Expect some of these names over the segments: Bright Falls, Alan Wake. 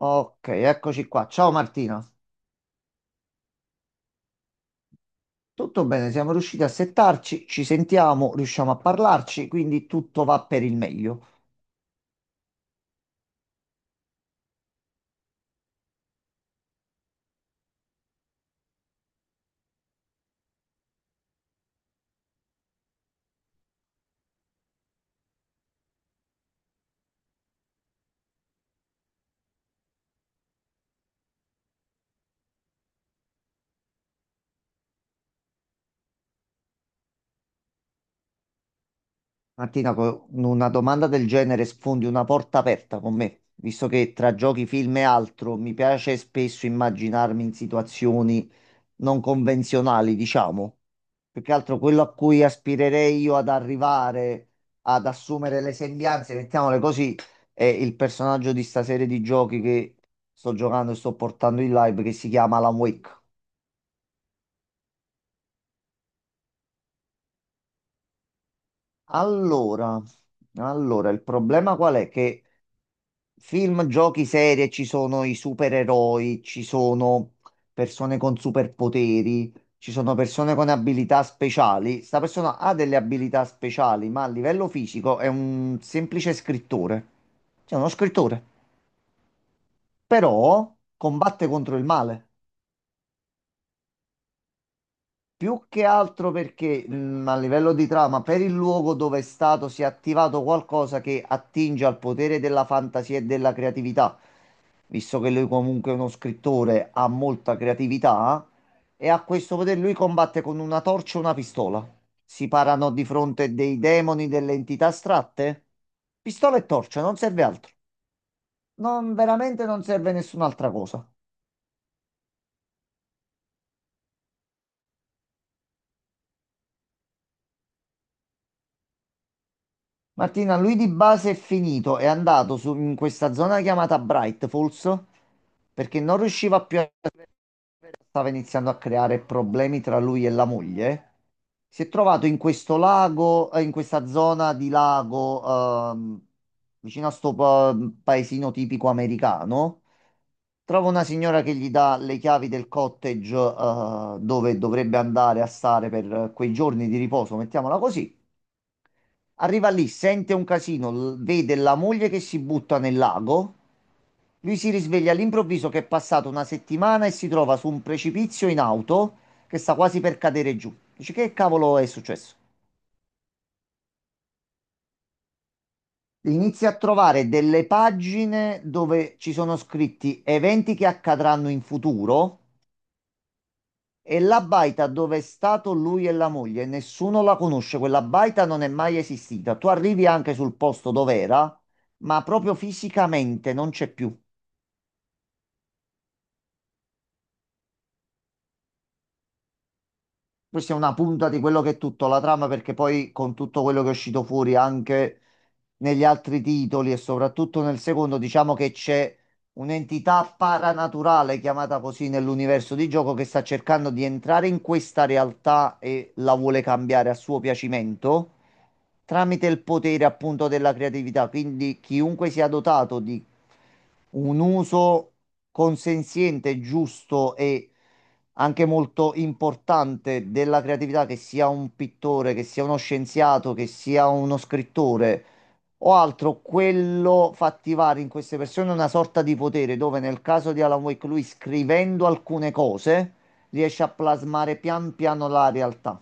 Ok, eccoci qua. Ciao Martina. Tutto bene, siamo riusciti a settarci, ci sentiamo, riusciamo a parlarci, quindi tutto va per il meglio. Martina, con una domanda del genere sfondi una porta aperta con me, visto che tra giochi, film e altro mi piace spesso immaginarmi in situazioni non convenzionali, diciamo. Più che altro quello a cui aspirerei io ad arrivare, ad assumere le sembianze, mettiamole così, è il personaggio di sta serie di giochi che sto giocando e sto portando in live che si chiama Alan Wake. Allora, allora, il problema qual è? Che film, giochi, serie, ci sono i supereroi, ci sono persone con superpoteri, ci sono persone con abilità speciali. Sta persona ha delle abilità speciali, ma a livello fisico è un semplice scrittore. Cioè, uno scrittore. Però combatte contro il male. Più che altro perché a livello di trama, per il luogo dove è stato, si è attivato qualcosa che attinge al potere della fantasia e della creatività. Visto che lui comunque è uno scrittore, ha molta creatività e a questo potere lui combatte con una torcia e una pistola. Si parano di fronte dei demoni, delle entità astratte. Pistola e torcia, non serve altro. Non, veramente non serve nessun'altra cosa. Martina, lui di base è finito, è andato su, in questa zona chiamata Bright Falls perché non riusciva più, stava iniziando a creare problemi tra lui e la moglie, si è trovato in questo lago, in questa zona di lago, vicino a sto paesino tipico americano. Trova una signora che gli dà le chiavi del cottage, dove dovrebbe andare a stare per quei giorni di riposo, mettiamola così. Arriva lì, sente un casino, vede la moglie che si butta nel lago. Lui si risveglia all'improvviso che è passata una settimana e si trova su un precipizio in auto che sta quasi per cadere giù. Dice, che cavolo è successo? Inizia a trovare delle pagine dove ci sono scritti eventi che accadranno in futuro e la baita dove è stato lui e la moglie. Nessuno la conosce, quella baita non è mai esistita. Tu arrivi anche sul posto dove era, ma proprio fisicamente non c'è più. Questa è una punta di quello che è tutto la trama, perché poi con tutto quello che è uscito fuori anche negli altri titoli e soprattutto nel secondo, diciamo che c'è un'entità paranaturale, chiamata così nell'universo di gioco, che sta cercando di entrare in questa realtà e la vuole cambiare a suo piacimento tramite il potere appunto della creatività. Quindi chiunque sia dotato di un uso consenziente, giusto e anche molto importante della creatività, che sia un pittore, che sia uno scienziato, che sia uno scrittore o altro, quello fa attivare in queste persone una sorta di potere dove nel caso di Alan Wake lui scrivendo alcune cose riesce a plasmare pian piano la realtà.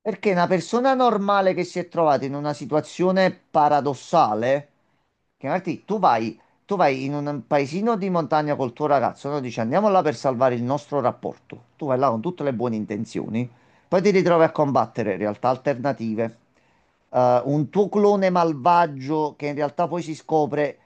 Perché una persona normale che si è trovata in una situazione paradossale, che Martì, tu vai in un paesino di montagna col tuo ragazzo, no? Dici andiamo là per salvare il nostro rapporto. Tu vai là con tutte le buone intenzioni, poi ti ritrovi a combattere realtà alternative, un tuo clone malvagio che in realtà poi si scopre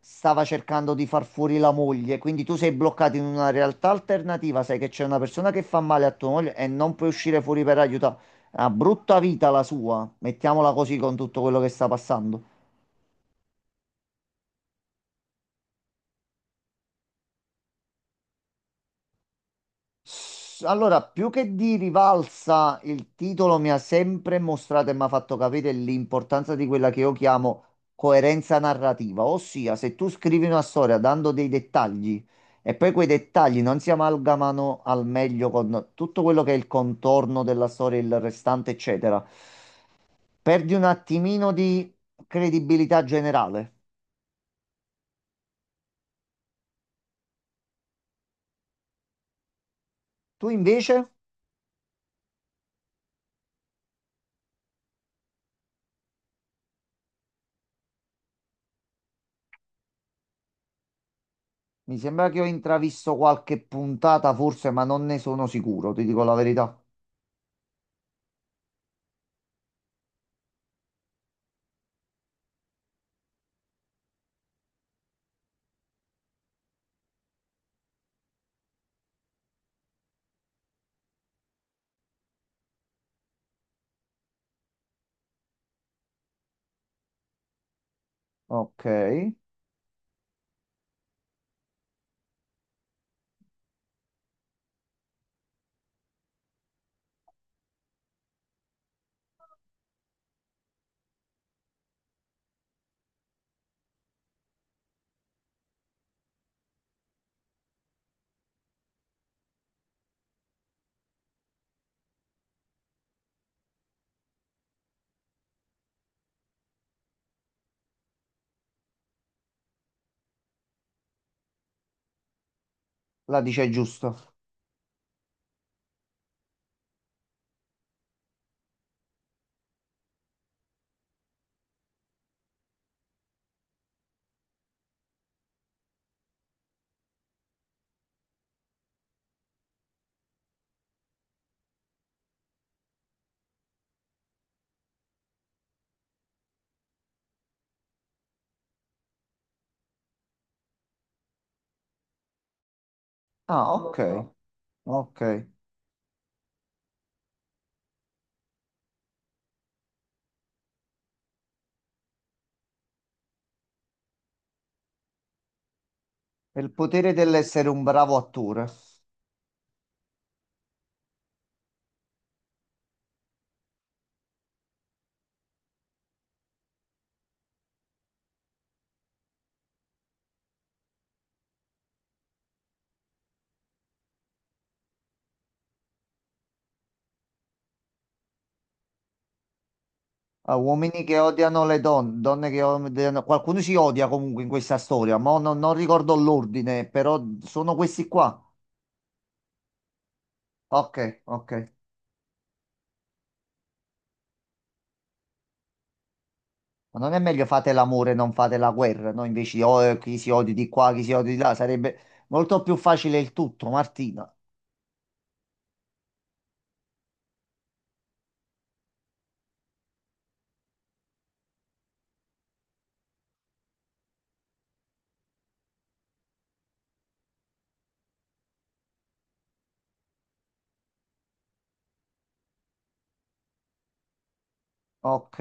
stava cercando di far fuori la moglie, quindi tu sei bloccato in una realtà alternativa, sai che c'è una persona che fa male a tua moglie e non puoi uscire fuori per aiutarla. Una brutta vita la sua, mettiamola così con tutto quello che sta passando. Allora, più che di rivalsa, il titolo mi ha sempre mostrato e mi ha fatto capire l'importanza di quella che io chiamo coerenza narrativa, ossia se tu scrivi una storia dando dei dettagli e poi quei dettagli non si amalgamano al meglio con tutto quello che è il contorno della storia, il restante, eccetera, perdi un attimino di credibilità generale. Tu invece? Mi sembra che ho intravisto qualche puntata, forse, ma non ne sono sicuro, ti dico la verità. Ok, la dice giusto. Ah, non lo ok. so. Ok. Il potere dell'essere un bravo attore. A uomini che odiano le donne, donne che odiano... Qualcuno si odia comunque in questa storia, ma non ricordo l'ordine, però sono questi qua. Ok, ok. Ma non è meglio fate l'amore, non fate la guerra, no? Invece oh, chi si odia di qua, chi si odia di là, sarebbe molto più facile il tutto, Martina. Ok.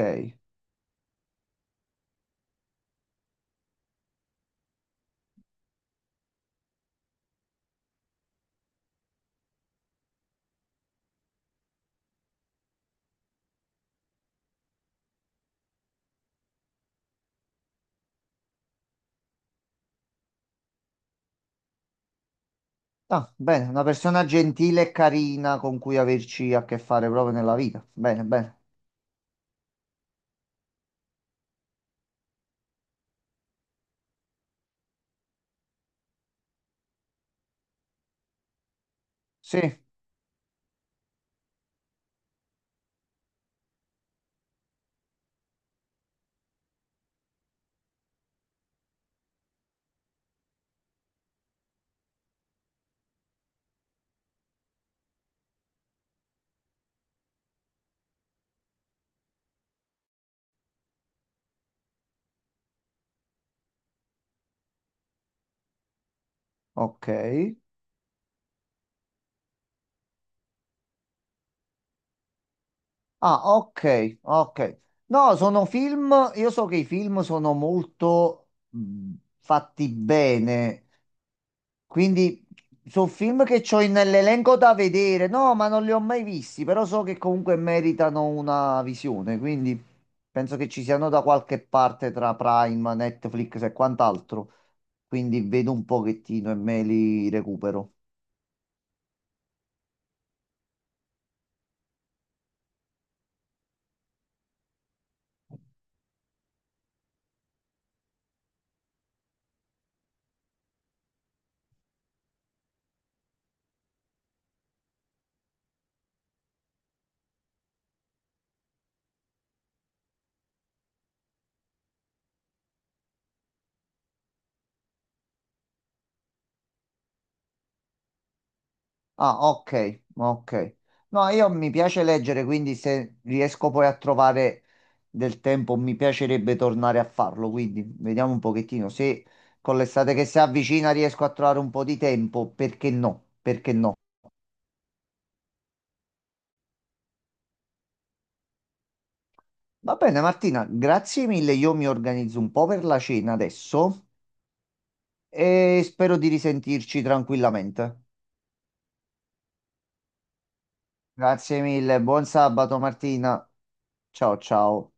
Ah, bene, una persona gentile e carina con cui averci a che fare proprio nella vita. Bene, bene. Sì, ok. Ah, ok, ok. No, sono film, io so che i film sono molto fatti bene. Quindi sono film che ho nell'elenco da vedere. No, ma non li ho mai visti, però so che comunque meritano una visione, quindi penso che ci siano da qualche parte tra Prime, Netflix e quant'altro. Quindi vedo un pochettino e me li recupero. Ah, ok, ok. No, io mi piace leggere, quindi se riesco poi a trovare del tempo, mi piacerebbe tornare a farlo. Quindi vediamo un pochettino. Se con l'estate che si avvicina riesco a trovare un po' di tempo, perché no? Perché no? Va bene, Martina, grazie mille. Io mi organizzo un po' per la cena adesso e spero di risentirci tranquillamente. Grazie mille, buon sabato, Martina. Ciao, ciao.